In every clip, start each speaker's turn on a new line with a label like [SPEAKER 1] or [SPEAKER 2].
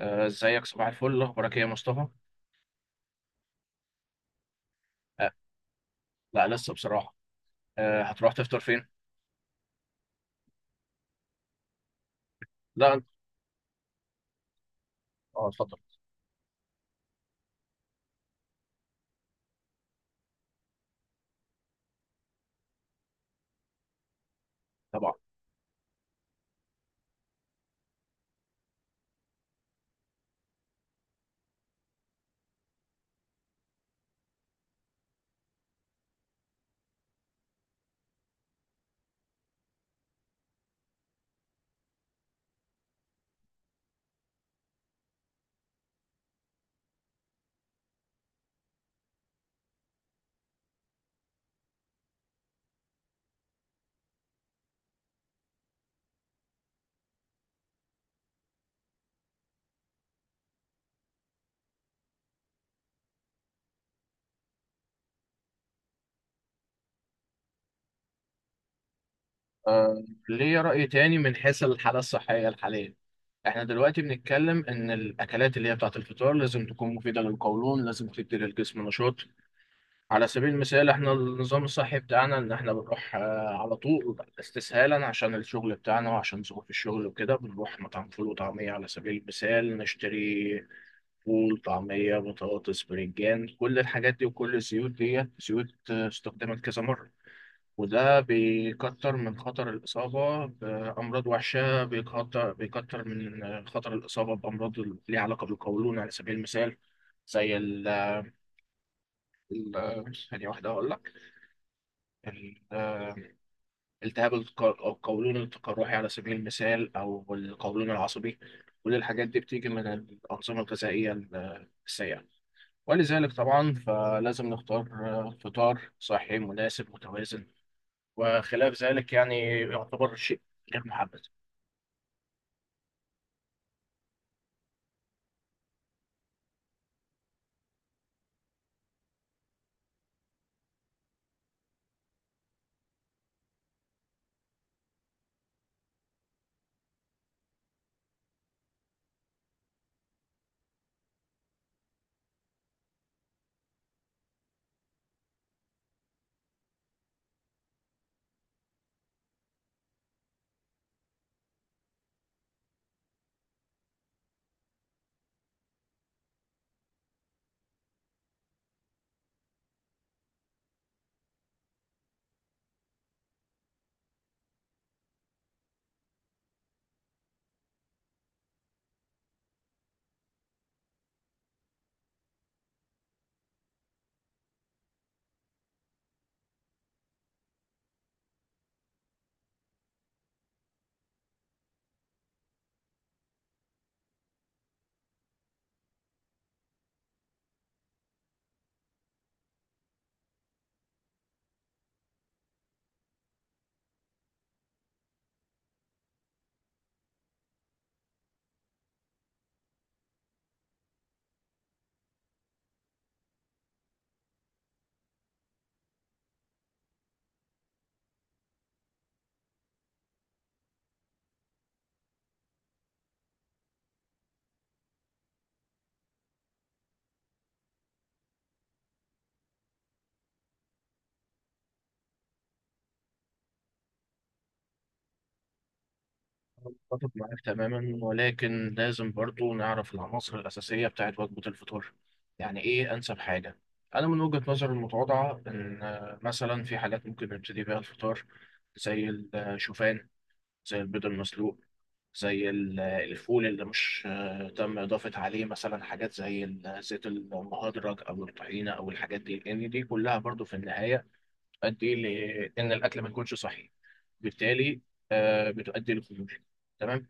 [SPEAKER 1] ازيك؟ صباح الفل، اخبارك ايه يا مصطفى؟ آه، لا، لسه بصراحه. هتروح تفطر فين؟ لا اه، اتفضل. طبعا. ليه رأي تاني من حيث الحالة الصحية الحالية. احنا دلوقتي بنتكلم ان الاكلات اللي هي بتاعت الفطار لازم تكون مفيدة للقولون، لازم تدي للجسم نشاط. على سبيل المثال، احنا النظام الصحي بتاعنا ان احنا بنروح على طول استسهالا عشان الشغل بتاعنا وعشان ظروف الشغل وكده بنروح مطعم فول وطعمية. على سبيل المثال نشتري فول طعمية بطاطس بريجان، كل الحاجات دي وكل الزيوت دي زيوت استخدمت كذا مرة. وده بيكتر من خطر الإصابة بأمراض وحشة، بيكتر من خطر الإصابة بأمراض ليها علاقة بالقولون على سبيل المثال. زي ال ثانية واحدة أقول لك. ال- آه، التهاب القولون التقرحي على سبيل المثال، أو القولون العصبي. كل الحاجات دي بتيجي من الأنظمة الغذائية السيئة. ولذلك طبعا فلازم نختار فطار صحي مناسب متوازن. وخلاف ذلك يعني يعتبر شيء غير محبذ. أتفق معاك تماما، ولكن لازم برضو نعرف العناصر الأساسية بتاعت وجبة الفطار. يعني إيه أنسب حاجة؟ أنا من وجهة نظري المتواضعة إن مثلا في حالات ممكن نبتدي بيها الفطار، زي الشوفان، زي البيض المسلوق، زي الفول اللي مش تم إضافة عليه مثلا حاجات زي زيت المهدرج أو الطحينة أو الحاجات دي، لأن دي كلها برضو في النهاية بتؤدي لأن الأكل ما يكونش صحي. بالتالي بتؤدي للخمول. تمام.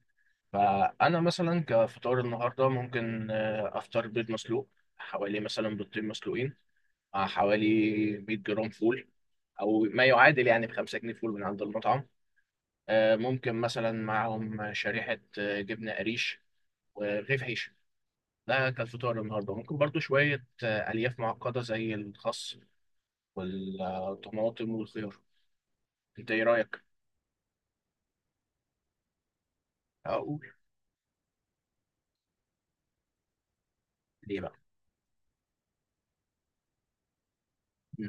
[SPEAKER 1] فأنا مثلا كفطار النهاردة ممكن أفطر بيض مسلوق، حوالي مثلا بيضتين مسلوقين، مع حوالي 100 جرام فول، أو ما يعادل يعني بخمسة جنيه فول من عند المطعم. ممكن مثلا معاهم شريحة جبنة قريش ورغيف عيش. ده كان فطار النهاردة. ممكن برضو شوية ألياف معقدة زي الخس والطماطم والخيار. أنت إيه رأيك؟ أقول. ليه بقى؟ مم.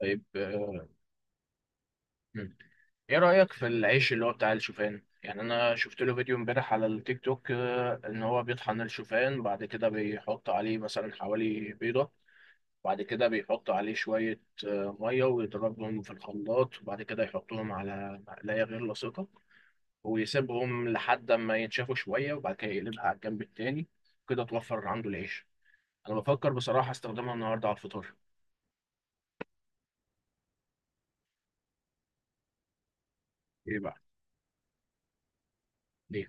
[SPEAKER 1] طيب، مم. إيه رأيك في العيش اللي هو بتاع الشوفان؟ يعني أنا شفت له فيديو امبارح على التيك توك، إن هو بيطحن الشوفان بعد كده بيحط عليه مثلا حوالي بيضة. بعد كده بيحطوا عليه شوية مية ويضربهم في الخلاط، وبعد كده يحطوهم على مقلاية غير لاصقة، ويسيبهم لحد ما ينشفوا شوية وبعد كده يقلبها على الجنب التاني. كده توفر عنده العيش. أنا بفكر بصراحة استخدمها النهاردة على الفطار. إيه بقى؟ ليه؟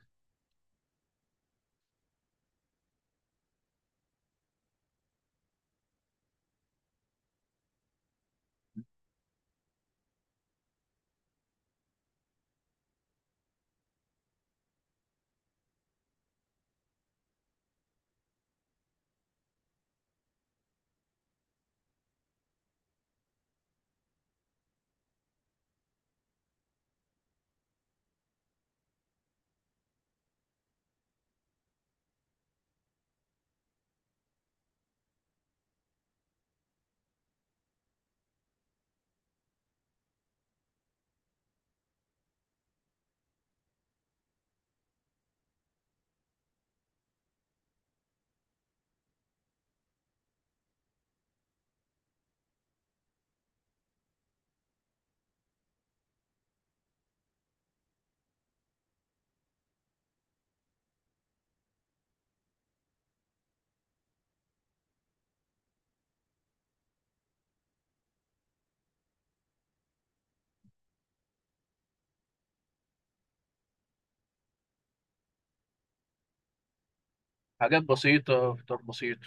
[SPEAKER 1] حاجات بسيطة، فطار بسيط.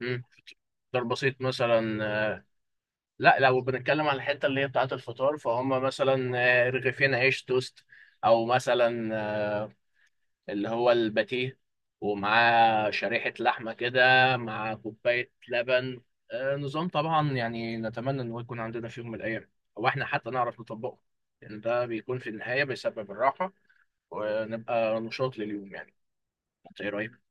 [SPEAKER 1] مم. فطار بسيط مثلا. لا، لو بنتكلم على الحتة اللي هي بتاعة الفطار فهم مثلا رغيفين عيش توست، أو مثلا اللي هو الباتيه ومعاه شريحة لحمة كده، مع كوباية لبن. نظام طبعا يعني نتمنى إن هو يكون عندنا في يوم من الأيام، أو إحنا حتى نعرف نطبقه، لأن ده بيكون في النهاية بيسبب الراحة، ونبقى نشاط لليوم يعني. أنت إيه رأيك؟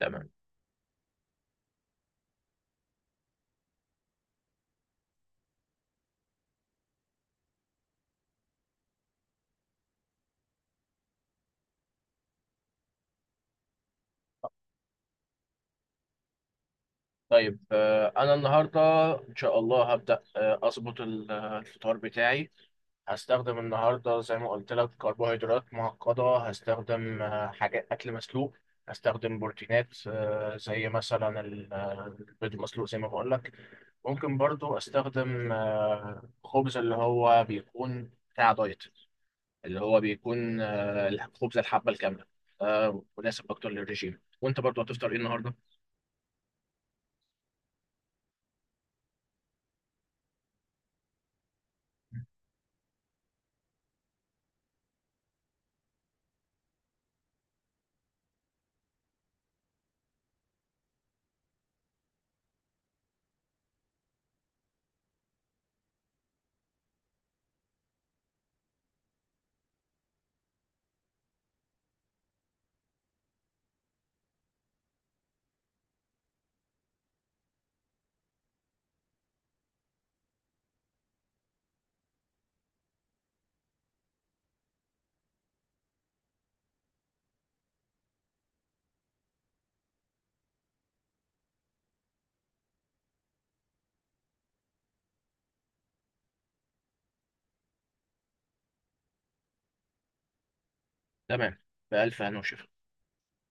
[SPEAKER 1] تمام. طيب، أنا النهاردة إن شاء الله هبدأ أظبط الفطار بتاعي. هستخدم النهارده زي ما قلت لك كربوهيدرات معقدة، هستخدم حاجات أكل مسلوق، هستخدم بروتينات زي مثلا البيض المسلوق زي ما بقول لك. ممكن برضو أستخدم خبز اللي هو بيكون بتاع دايت، اللي هو بيكون الخبز الحبة الكاملة، مناسب أكتر للرجيم. وأنت برضو هتفطر إيه النهارده؟ تمام. بألف هنا وشفا.